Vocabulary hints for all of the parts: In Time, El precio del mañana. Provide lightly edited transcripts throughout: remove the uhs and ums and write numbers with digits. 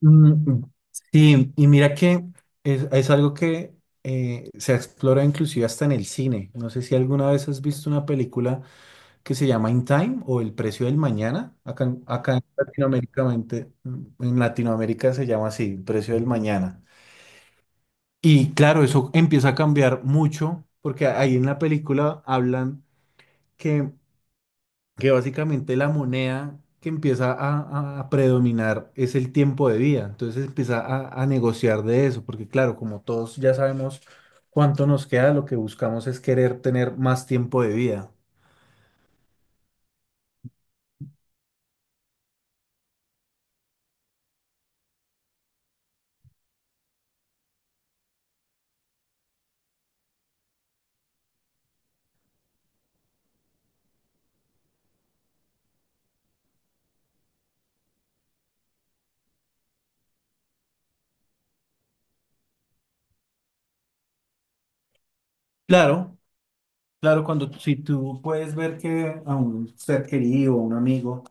Mm, sí, y mira que es algo que se explora inclusive hasta en el cine. No sé si alguna vez has visto una película que se llama In Time o El precio del mañana. Acá, acá en en Latinoamérica se llama así, El precio del mañana. Y claro, eso empieza a cambiar mucho porque ahí en la película hablan que que básicamente la moneda que empieza a predominar es el tiempo de vida. Entonces empieza a negociar de eso, porque claro, como todos ya sabemos cuánto nos queda, lo que buscamos es querer tener más tiempo de vida. Claro, claro, si tú puedes ver que a un ser querido, a un amigo,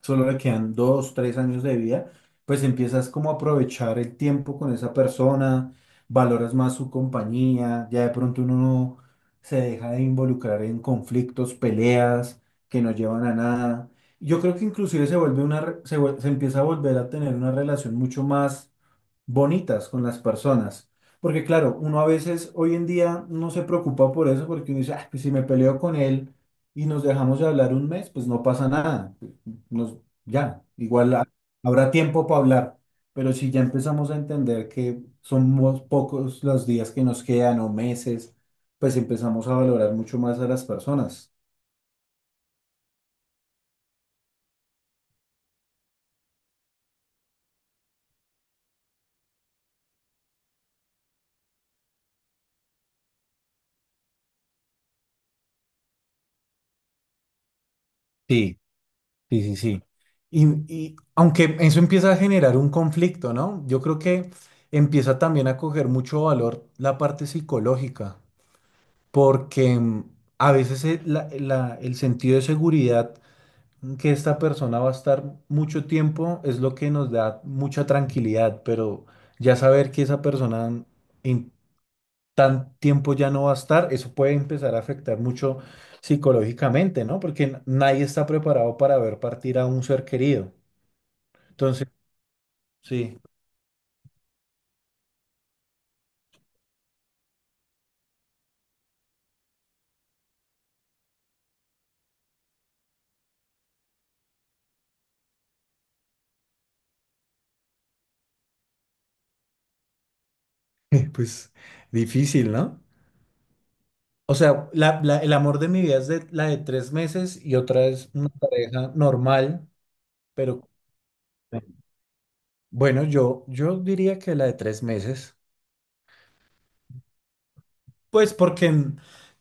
solo le quedan dos, tres años de vida, pues empiezas como a aprovechar el tiempo con esa persona, valoras más su compañía, ya de pronto uno no se deja de involucrar en conflictos, peleas que no llevan a nada. Yo creo que inclusive se vuelve una, re- se, vuel- se empieza a volver a tener una relación mucho más bonitas con las personas. Porque claro, uno a veces hoy en día no se preocupa por eso porque uno dice: "Ah, pues si me peleo con él y nos dejamos de hablar un mes, pues no pasa nada nos, ya, igual habrá tiempo para hablar, pero si ya empezamos a entender que somos pocos los días que nos quedan o meses, pues empezamos a valorar mucho más a las personas". Sí, sí, sí, sí. Y, y aunque eso empieza a generar un conflicto, ¿no? Yo creo que empieza también a coger mucho valor la parte psicológica, porque a veces el sentido de seguridad que esta persona va a estar mucho tiempo es lo que nos da mucha tranquilidad, pero ya saber que esa persona en tan tiempo ya no va a estar, eso puede empezar a afectar mucho psicológicamente, ¿no? Porque nadie está preparado para ver partir a un ser querido. Entonces, sí. Pues difícil, ¿no? O sea, el amor de mi vida es de, la de 3 meses y otra es una pareja normal, pero bueno, yo diría que la de 3 meses. Pues porque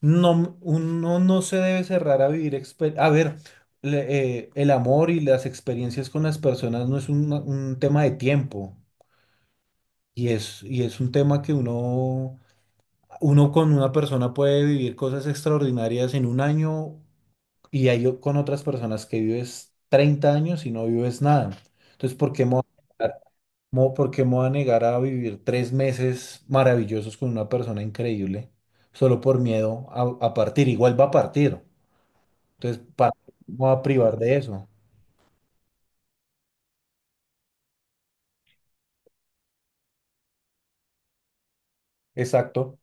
no, uno no se debe cerrar a vivir a ver, el amor y las experiencias con las personas no es un tema de tiempo y es un tema que uno con una persona puede vivir cosas extraordinarias en un año y hay con otras personas que vives 30 años y no vives nada. Entonces, ¿por qué me voy a comparar? ¿Por qué me voy a negar a vivir 3 meses maravillosos con una persona increíble solo por miedo a partir? Igual va a partir. Entonces, ¿para qué me voy a privar de eso? Exacto.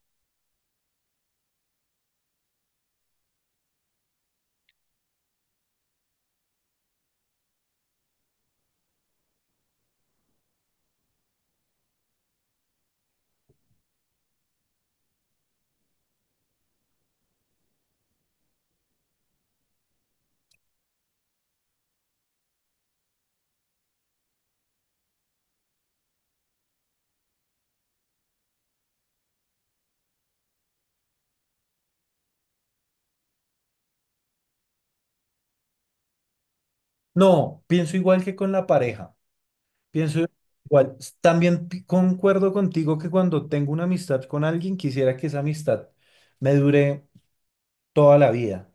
No, pienso igual que con la pareja. Pienso igual. También concuerdo contigo que cuando tengo una amistad con alguien, quisiera que esa amistad me dure toda la vida.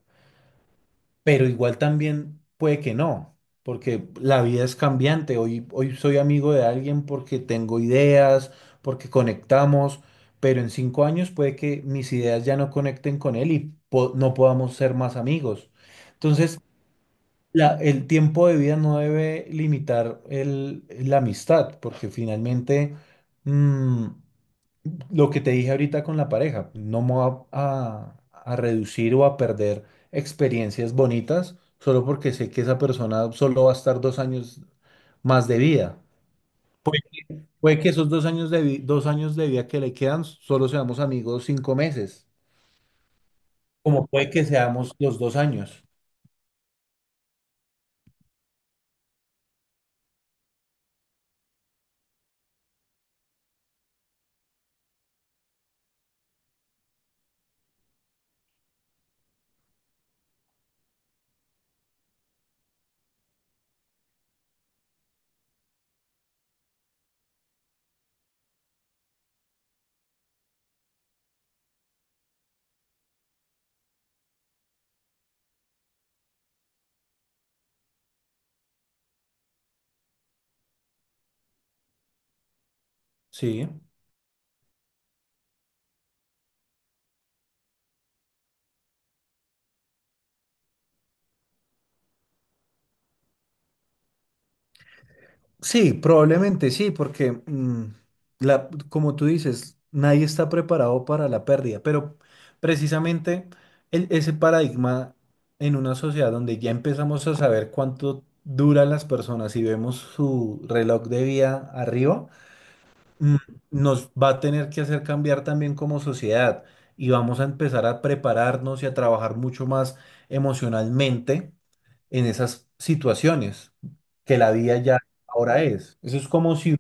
Pero igual también puede que no, porque la vida es cambiante. Hoy, hoy soy amigo de alguien porque tengo ideas, porque conectamos, pero en 5 años puede que mis ideas ya no conecten con él y no podamos ser más amigos. Entonces, el tiempo de vida no debe limitar la amistad, porque finalmente... mm, lo que te dije ahorita con la pareja, no me voy a reducir o a perder experiencias bonitas solo porque sé que esa persona solo va a estar 2 años más de vida. Puede, puede que esos 2 años de vida que le quedan solo seamos amigos 5 meses, como puede que seamos los 2 años. Sí. Sí, probablemente sí, porque como tú dices, nadie está preparado para la pérdida, pero precisamente ese paradigma en una sociedad donde ya empezamos a saber cuánto duran las personas y vemos su reloj de vida arriba, mm, nos va a tener que hacer cambiar también como sociedad y vamos a empezar a prepararnos y a trabajar mucho más emocionalmente en esas situaciones que la vida ya ahora es. Eso es como si,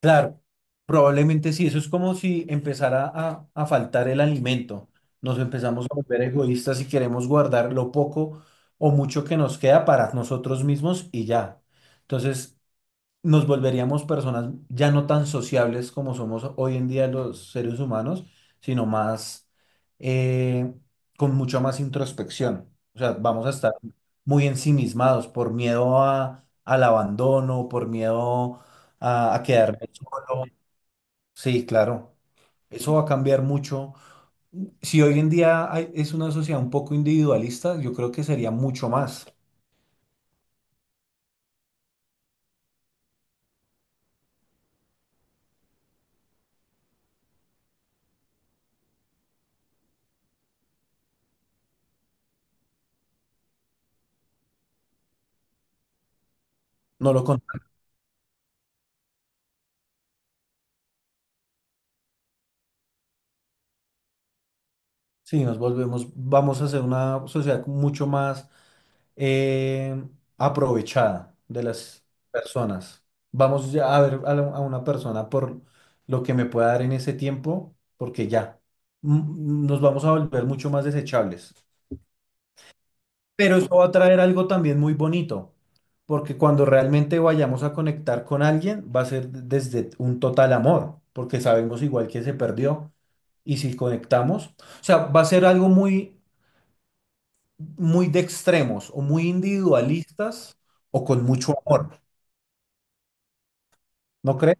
claro, probablemente sí, eso es como si empezara a faltar el alimento. Nos empezamos a volver egoístas y queremos guardar lo poco o mucho que nos queda para nosotros mismos y ya. Entonces, nos volveríamos personas ya no tan sociables como somos hoy en día los seres humanos, sino más eh, con mucha más introspección. O sea, vamos a estar muy ensimismados por miedo al abandono, por miedo a quedarme solo. Sí, claro. Eso va a cambiar mucho. Si hoy en día es una sociedad un poco individualista, yo creo que sería mucho más. No, lo contrario. Sí, vamos a ser una sociedad mucho más eh, aprovechada de las personas. Vamos ya a ver a una persona por lo que me pueda dar en ese tiempo, porque ya nos vamos a volver mucho más desechables. Pero eso va a traer algo también muy bonito, porque cuando realmente vayamos a conectar con alguien, va a ser desde un total amor, porque sabemos igual que se perdió. Y si conectamos, o sea, va a ser algo muy, muy de extremos o muy individualistas o con mucho amor. ¿No crees?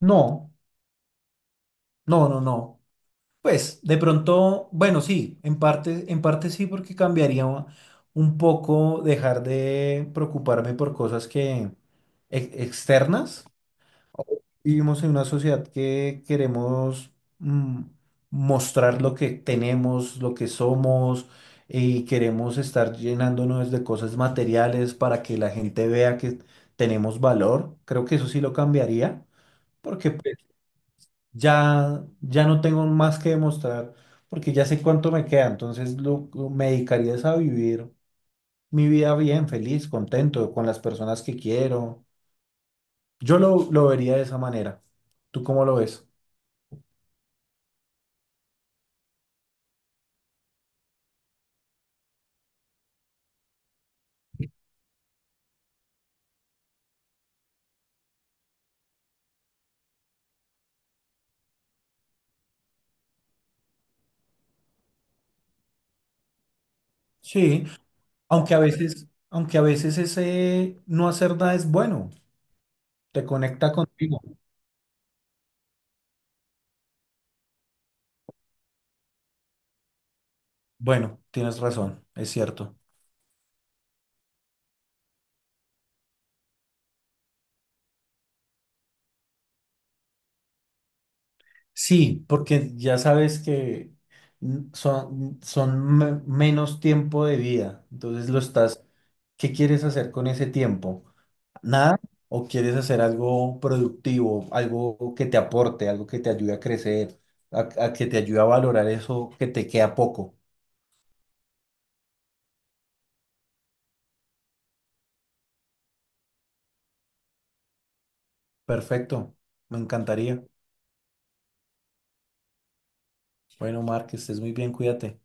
No, no, no, no. Pues de pronto, bueno, sí, en parte sí, porque cambiaría un poco dejar de preocuparme por cosas que externas. Vivimos en una sociedad que queremos mm, mostrar lo que tenemos, lo que somos, y queremos estar llenándonos de cosas materiales para que la gente vea que tenemos valor. Creo que eso sí lo cambiaría, porque ya no tengo más que demostrar porque ya sé cuánto me queda, entonces me dedicaría es a vivir mi vida bien, feliz, contento, con las personas que quiero. Yo lo vería de esa manera. ¿Tú cómo lo ves? Sí, aunque a veces ese no hacer nada es bueno, te conecta contigo. Bueno, tienes razón, es cierto. Sí, porque ya sabes que menos tiempo de vida. Entonces lo estás, ¿qué quieres hacer con ese tiempo? ¿Nada? ¿O quieres hacer algo productivo, algo que te aporte, algo que te ayude a crecer, a que te ayude a valorar eso que te queda poco? Perfecto, me encantaría. Bueno, Mark, que estés muy bien, cuídate.